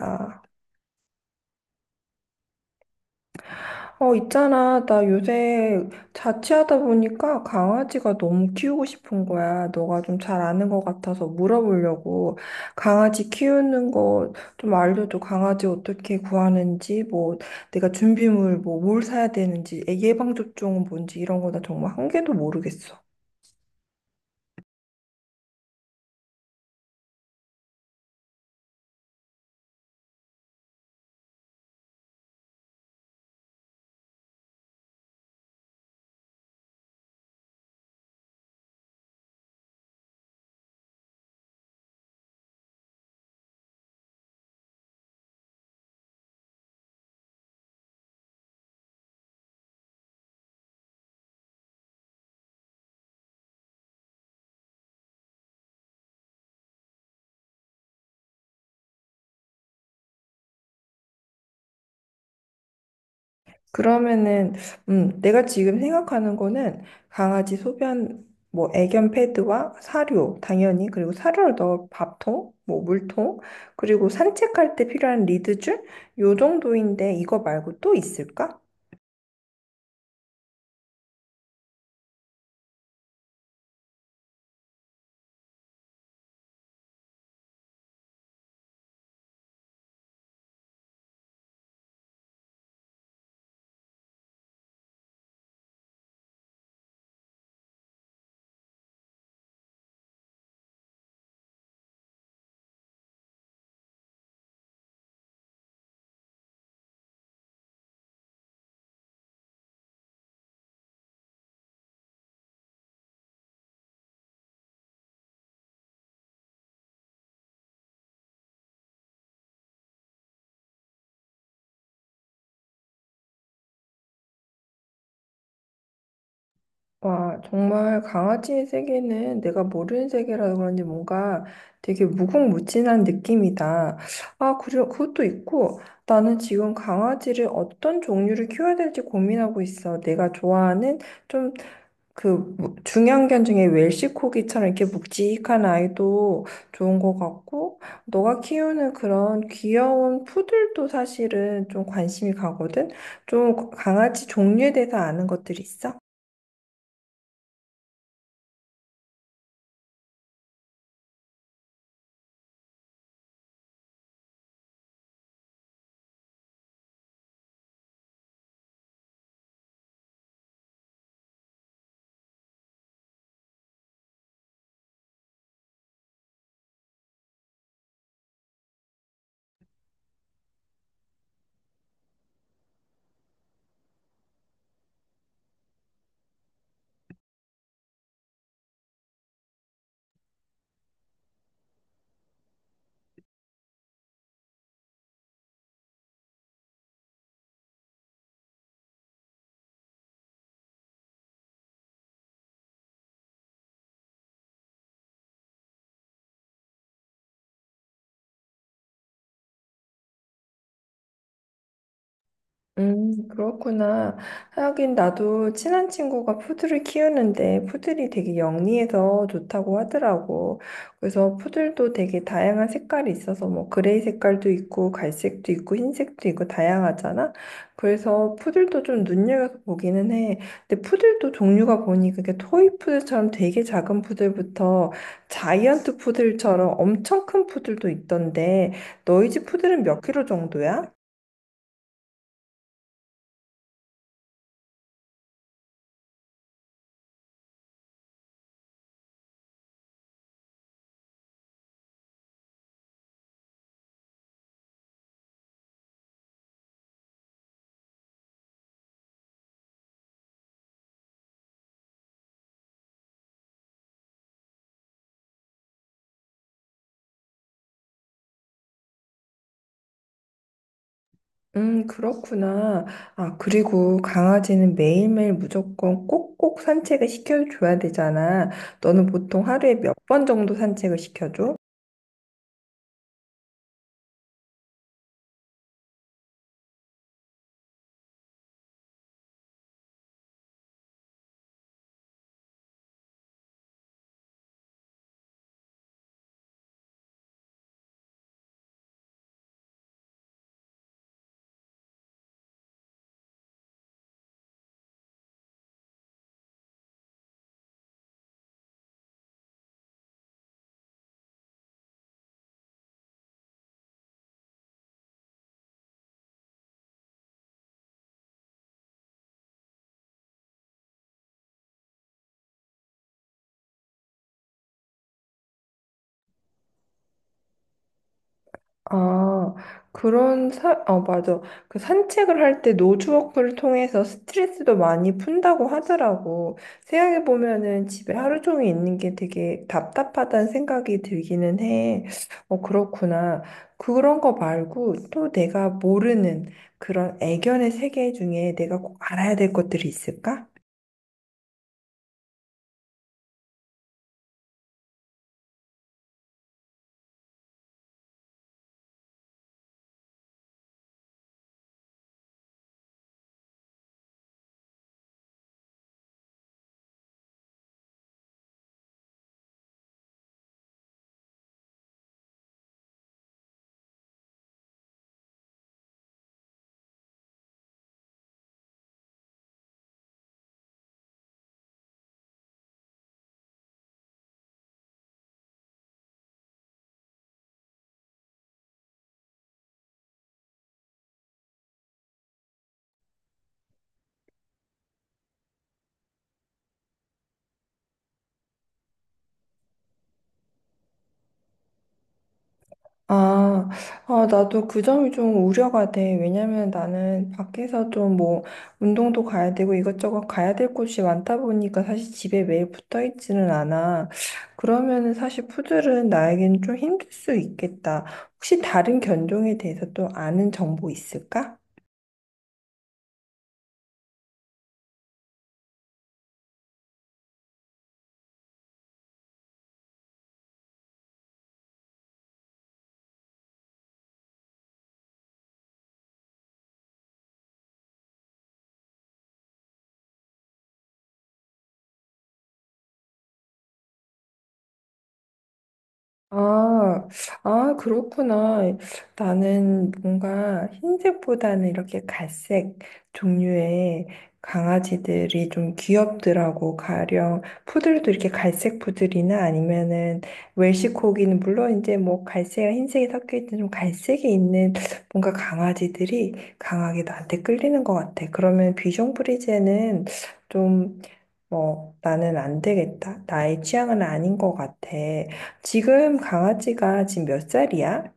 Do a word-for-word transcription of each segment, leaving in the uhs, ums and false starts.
아, 어, 있잖아. 나 요새 자취하다 보니까 강아지가 너무 키우고 싶은 거야. 너가 좀 잘 아는 것 같아서 물어보려고. 강아지 키우는 거 좀 알려줘. 강아지 어떻게 구하는지, 뭐, 내가 준비물, 뭐, 뭘 사야 되는지, 애기 예방접종은 뭔지 이런 거나 정말 한 개도 모르겠어. 그러면은 음, 내가 지금 생각하는 거는 강아지 소변 뭐 애견 패드와 사료 당연히 그리고 사료를 넣을 밥통 뭐 물통 그리고 산책할 때 필요한 리드줄 요 정도인데 이거 말고 또 있을까? 와 정말 강아지의 세계는 내가 모르는 세계라서 그런지 뭔가 되게 무궁무진한 느낌이다. 아, 그리고 그것도 있고 나는 지금 강아지를 어떤 종류를 키워야 될지 고민하고 있어. 내가 좋아하는 좀 그 중형견 중에 웰시코기처럼 이렇게 묵직한 아이도 좋은 것 같고, 너가 키우는 그런 귀여운 푸들도 사실은 좀 관심이 가거든? 좀 강아지 종류에 대해서 아는 것들 있어? 음, 그렇구나. 하긴 나도 친한 친구가 푸들을 키우는데 푸들이 되게 영리해서 좋다고 하더라고. 그래서 푸들도 되게 다양한 색깔이 있어서 뭐 그레이 색깔도 있고 갈색도 있고 흰색도 있고 다양하잖아. 그래서 푸들도 좀 눈여겨서 보기는 해. 근데 푸들도 종류가 보니 그게 토이 푸들처럼 되게 작은 푸들부터 자이언트 푸들처럼 엄청 큰 푸들도 있던데 너희 집 푸들은 몇 킬로 정도야? 음, 그렇구나. 아, 그리고 강아지는 매일매일 무조건 꼭꼭 산책을 시켜줘야 되잖아. 너는 보통 하루에 몇 번 정도 산책을 시켜줘? 아, 그런 사, 어, 맞아. 그 산책을 할 때 노즈워크를 통해서 스트레스도 많이 푼다고 하더라고. 생각해보면은 집에 하루 종일 있는 게 되게 답답하다는 생각이 들기는 해. 어, 그렇구나. 그런 거 말고 또 내가 모르는 그런 애견의 세계 중에 내가 꼭 알아야 될 것들이 있을까? 아, 아, 나도 그 점이 좀 우려가 돼. 왜냐면 나는 밖에서 좀 뭐 운동도 가야 되고 이것저것 가야 될 곳이 많다 보니까 사실 집에 매일 붙어 있지는 않아. 그러면은 사실 푸들은 나에겐 좀 힘들 수 있겠다. 혹시 다른 견종에 대해서 또 아는 정보 있을까? 아, 아, 그렇구나. 나는 뭔가 흰색보다는 이렇게 갈색 종류의 강아지들이 좀 귀엽더라고. 가령 푸들도 이렇게 갈색 푸들이나 아니면은 웰시코기는 물론 이제 뭐 갈색이랑 흰색이 섞여 있는 좀 갈색이 있는 뭔가 강아지들이 강하게 나한테 끌리는 것 같아. 그러면 비숑 프리제는 좀 뭐, 나는 안 되겠다. 나의 취향은 아닌 것 같아. 지금 강아지가 지금 몇 살이야?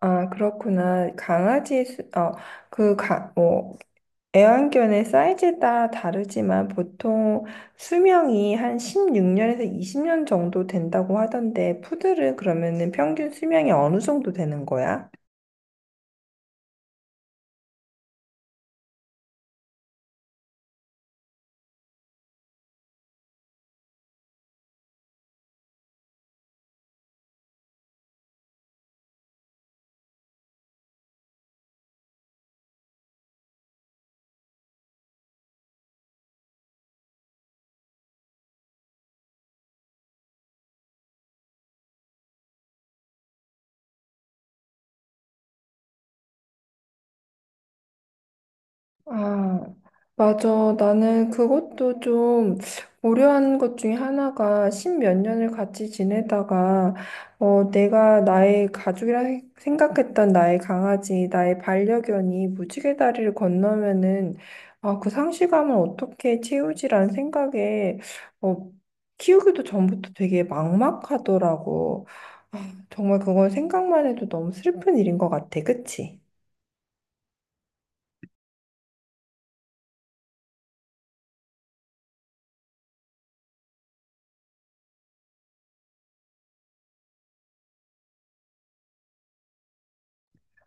아, 그렇구나. 강아지, 수, 어, 그, 가, 뭐, 애완견의 사이즈에 따라 다르지만 보통 수명이 한 십육 년에서 이십 년 정도 된다고 하던데, 푸들은 그러면은 평균 수명이 어느 정도 되는 거야? 아, 맞아. 나는 그것도 좀 고려한 것 중에 하나가 십몇 년을 같이 지내다가 어, 내가 나의 가족이라 생각했던 나의 강아지, 나의 반려견이 무지개 다리를 건너면은 아, 그 상실감을 어떻게 채우지라는 생각에 어, 키우기도 전부터 되게 막막하더라고. 아, 정말 그건 생각만 해도 너무 슬픈 일인 것 같아. 그치?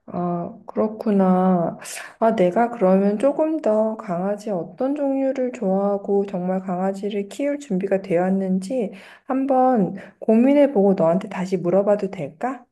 아, 그렇구나. 아, 내가 그러면 조금 더 강아지 어떤 종류를 좋아하고 정말 강아지를 키울 준비가 되었는지 한번 고민해보고 너한테 다시 물어봐도 될까?